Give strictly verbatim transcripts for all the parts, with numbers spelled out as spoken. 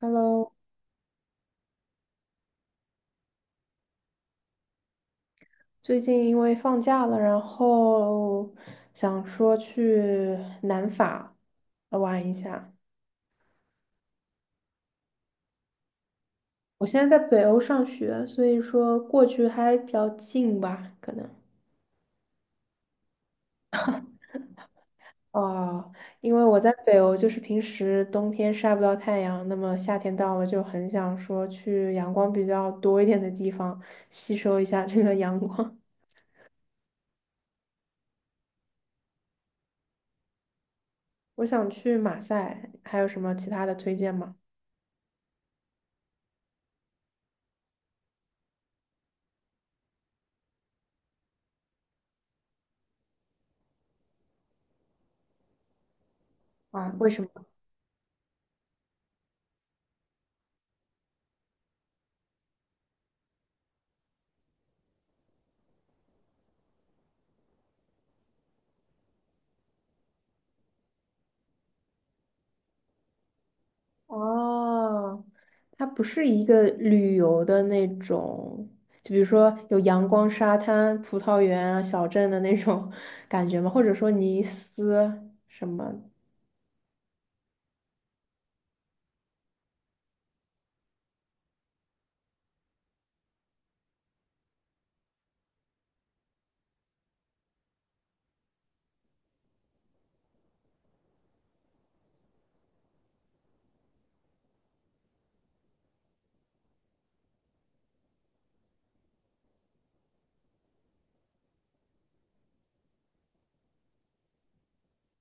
Hello，最近因为放假了，然后想说去南法呃玩一下。我现在在北欧上学，所以说过去还比较近吧，可能。哦，因为我在北欧，就是平时冬天晒不到太阳，那么夏天到了就很想说去阳光比较多一点的地方，吸收一下这个阳光。我想去马赛，还有什么其他的推荐吗？啊，为什么？哦，它不是一个旅游的那种，就比如说有阳光、沙滩、葡萄园啊、小镇的那种 感觉吗？或者说尼斯什么？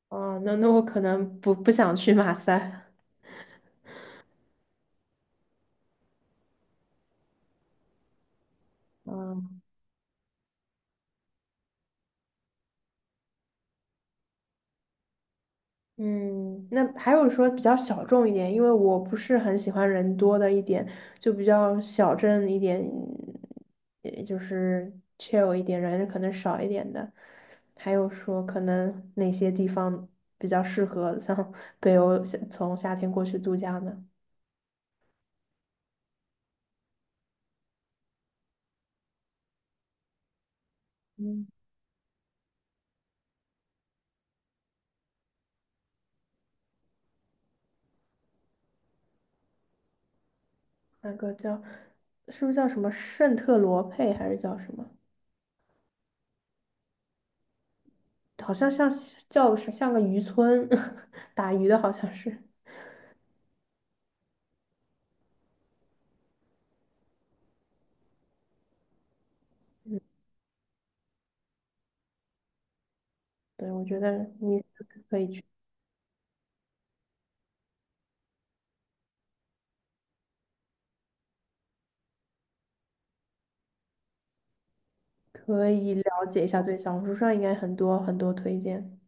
哦，那那我可能不不想去马赛。嗯，那还有说比较小众一点，因为我不是很喜欢人多的一点，就比较小镇一点，也就是 chill 一点，人可能少一点的。还有说可能哪些地方比较适合 像北欧夏从夏天过去度假呢？嗯，那个叫是不是叫什么圣特罗佩还是叫什么？好像像叫是像个渔村，打鱼的好像是。对，我觉得你。可以去。可以了解一下，对，小红书上应该很多很多推荐。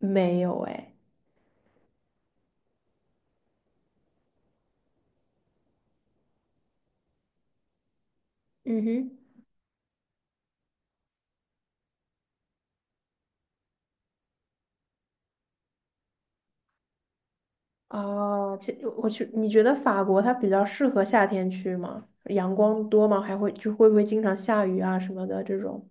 没有哎，嗯哼，哦，其我去，你觉得法国它比较适合夏天去吗？阳光多吗？还会就会不会经常下雨啊什么的这种？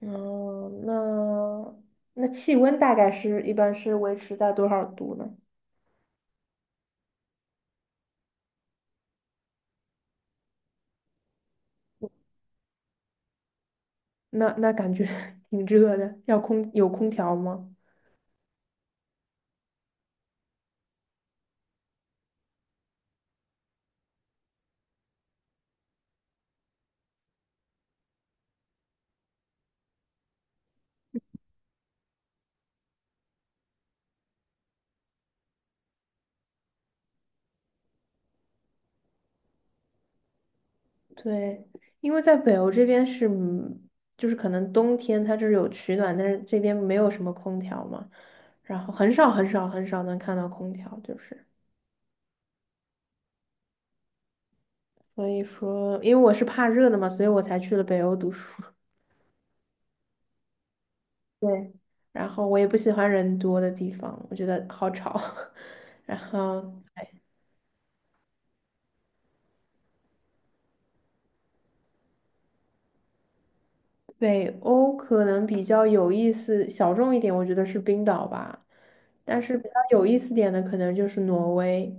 哦，那那气温大概是一般是维持在多少度呢？那那感觉 挺热的，要空有空调吗？对，因为在北欧这边是，嗯就是可能冬天它就是有取暖，但是这边没有什么空调嘛，然后很少很少很少能看到空调，就是所以说，因为我是怕热的嘛，所以我才去了北欧读书。对，然后我也不喜欢人多的地方，我觉得好吵，然后。北欧可能比较有意思、小众一点，我觉得是冰岛吧。但是比较有意思点的，可能就是挪威。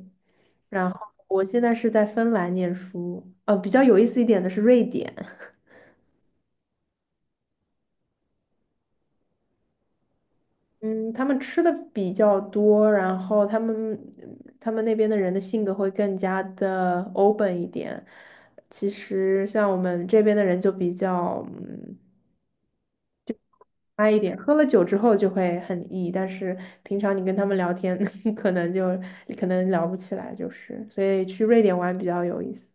然后我现在是在芬兰念书，呃，比较有意思一点的是瑞典。嗯，他们吃的比较多，然后他们他们那边的人的性格会更加的 open 一点。其实像我们这边的人就比较嗯差一点，喝了酒之后就会很 E,但是平常你跟他们聊天，可能就可能聊不起来，就是，所以去瑞典玩比较有意思。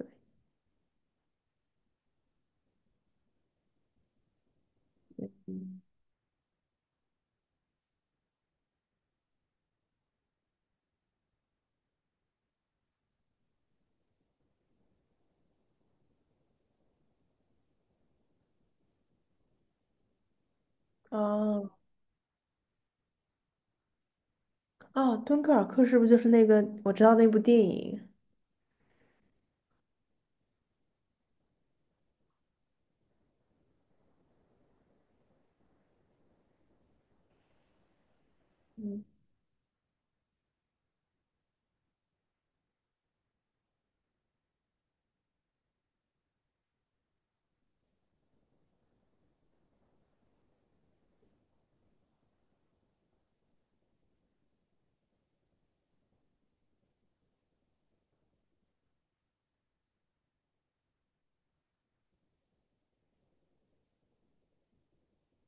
嗯哦，哦，敦刻尔克是不是就是那个我知道那部电影？嗯，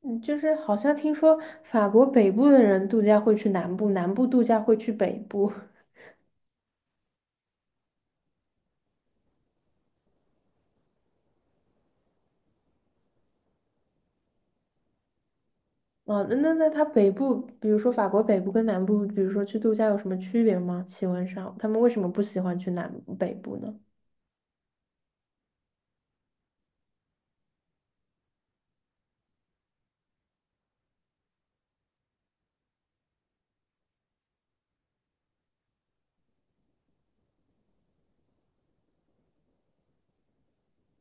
嗯，就是好像听说法国北部的人度假会去南部，南部度假会去北部。哦，那那那它北部，比如说法国北部跟南部，比如说去度假有什么区别吗？气温上，他们为什么不喜欢去南北部呢？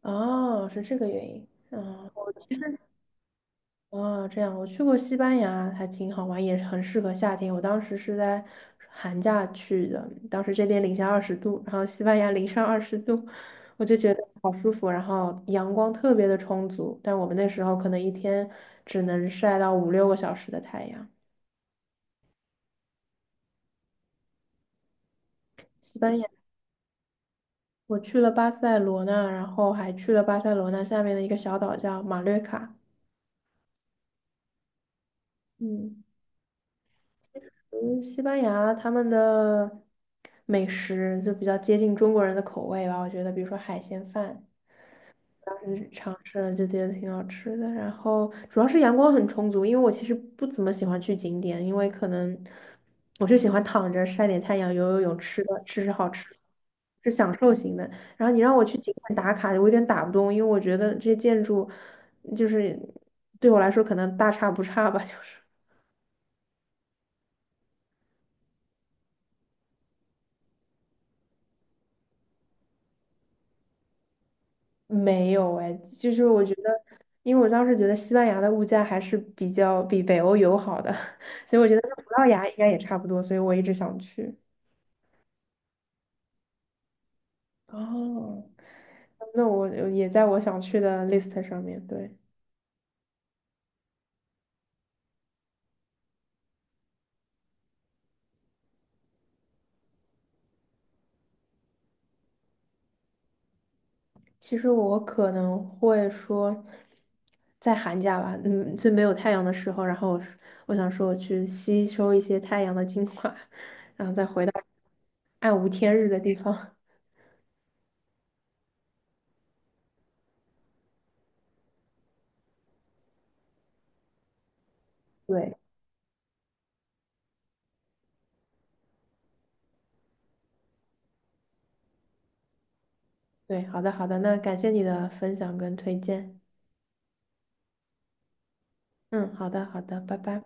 哦，是这个原因。嗯，我其实哦，这样我去过西班牙，还挺好玩，也很适合夏天。我当时是在寒假去的，当时这边零下二十度，然后西班牙零上二十度，我就觉得好舒服，然后阳光特别的充足。但我们那时候可能一天只能晒到五六个小时的太阳。西班牙，我去了巴塞罗那，然后还去了巴塞罗那下面的一个小岛叫马略卡。嗯。嗯，西班牙他们的美食就比较接近中国人的口味吧，我觉得，比如说海鲜饭，当时尝试了就觉得挺好吃的。然后主要是阳光很充足，因为我其实不怎么喜欢去景点，因为可能我就喜欢躺着晒点太阳、游游泳、吃的吃吃好吃的，是享受型的。然后你让我去景点打卡，我有点打不动，因为我觉得这些建筑就是对我来说可能大差不差吧，就是。没有哎，就是我觉得，因为我当时觉得西班牙的物价还是比较比北欧友好的，所以我觉得跟葡萄牙应该也差不多，所以我一直想去。哦，那我也在我想去的 list 上面。对，其实我可能会说，在寒假吧，嗯，最没有太阳的时候，然后我我想说我去吸收一些太阳的精华，然后再回到暗无天日的地方。对。对，好的好的，那感谢你的分享跟推荐。嗯，好的好的，拜拜。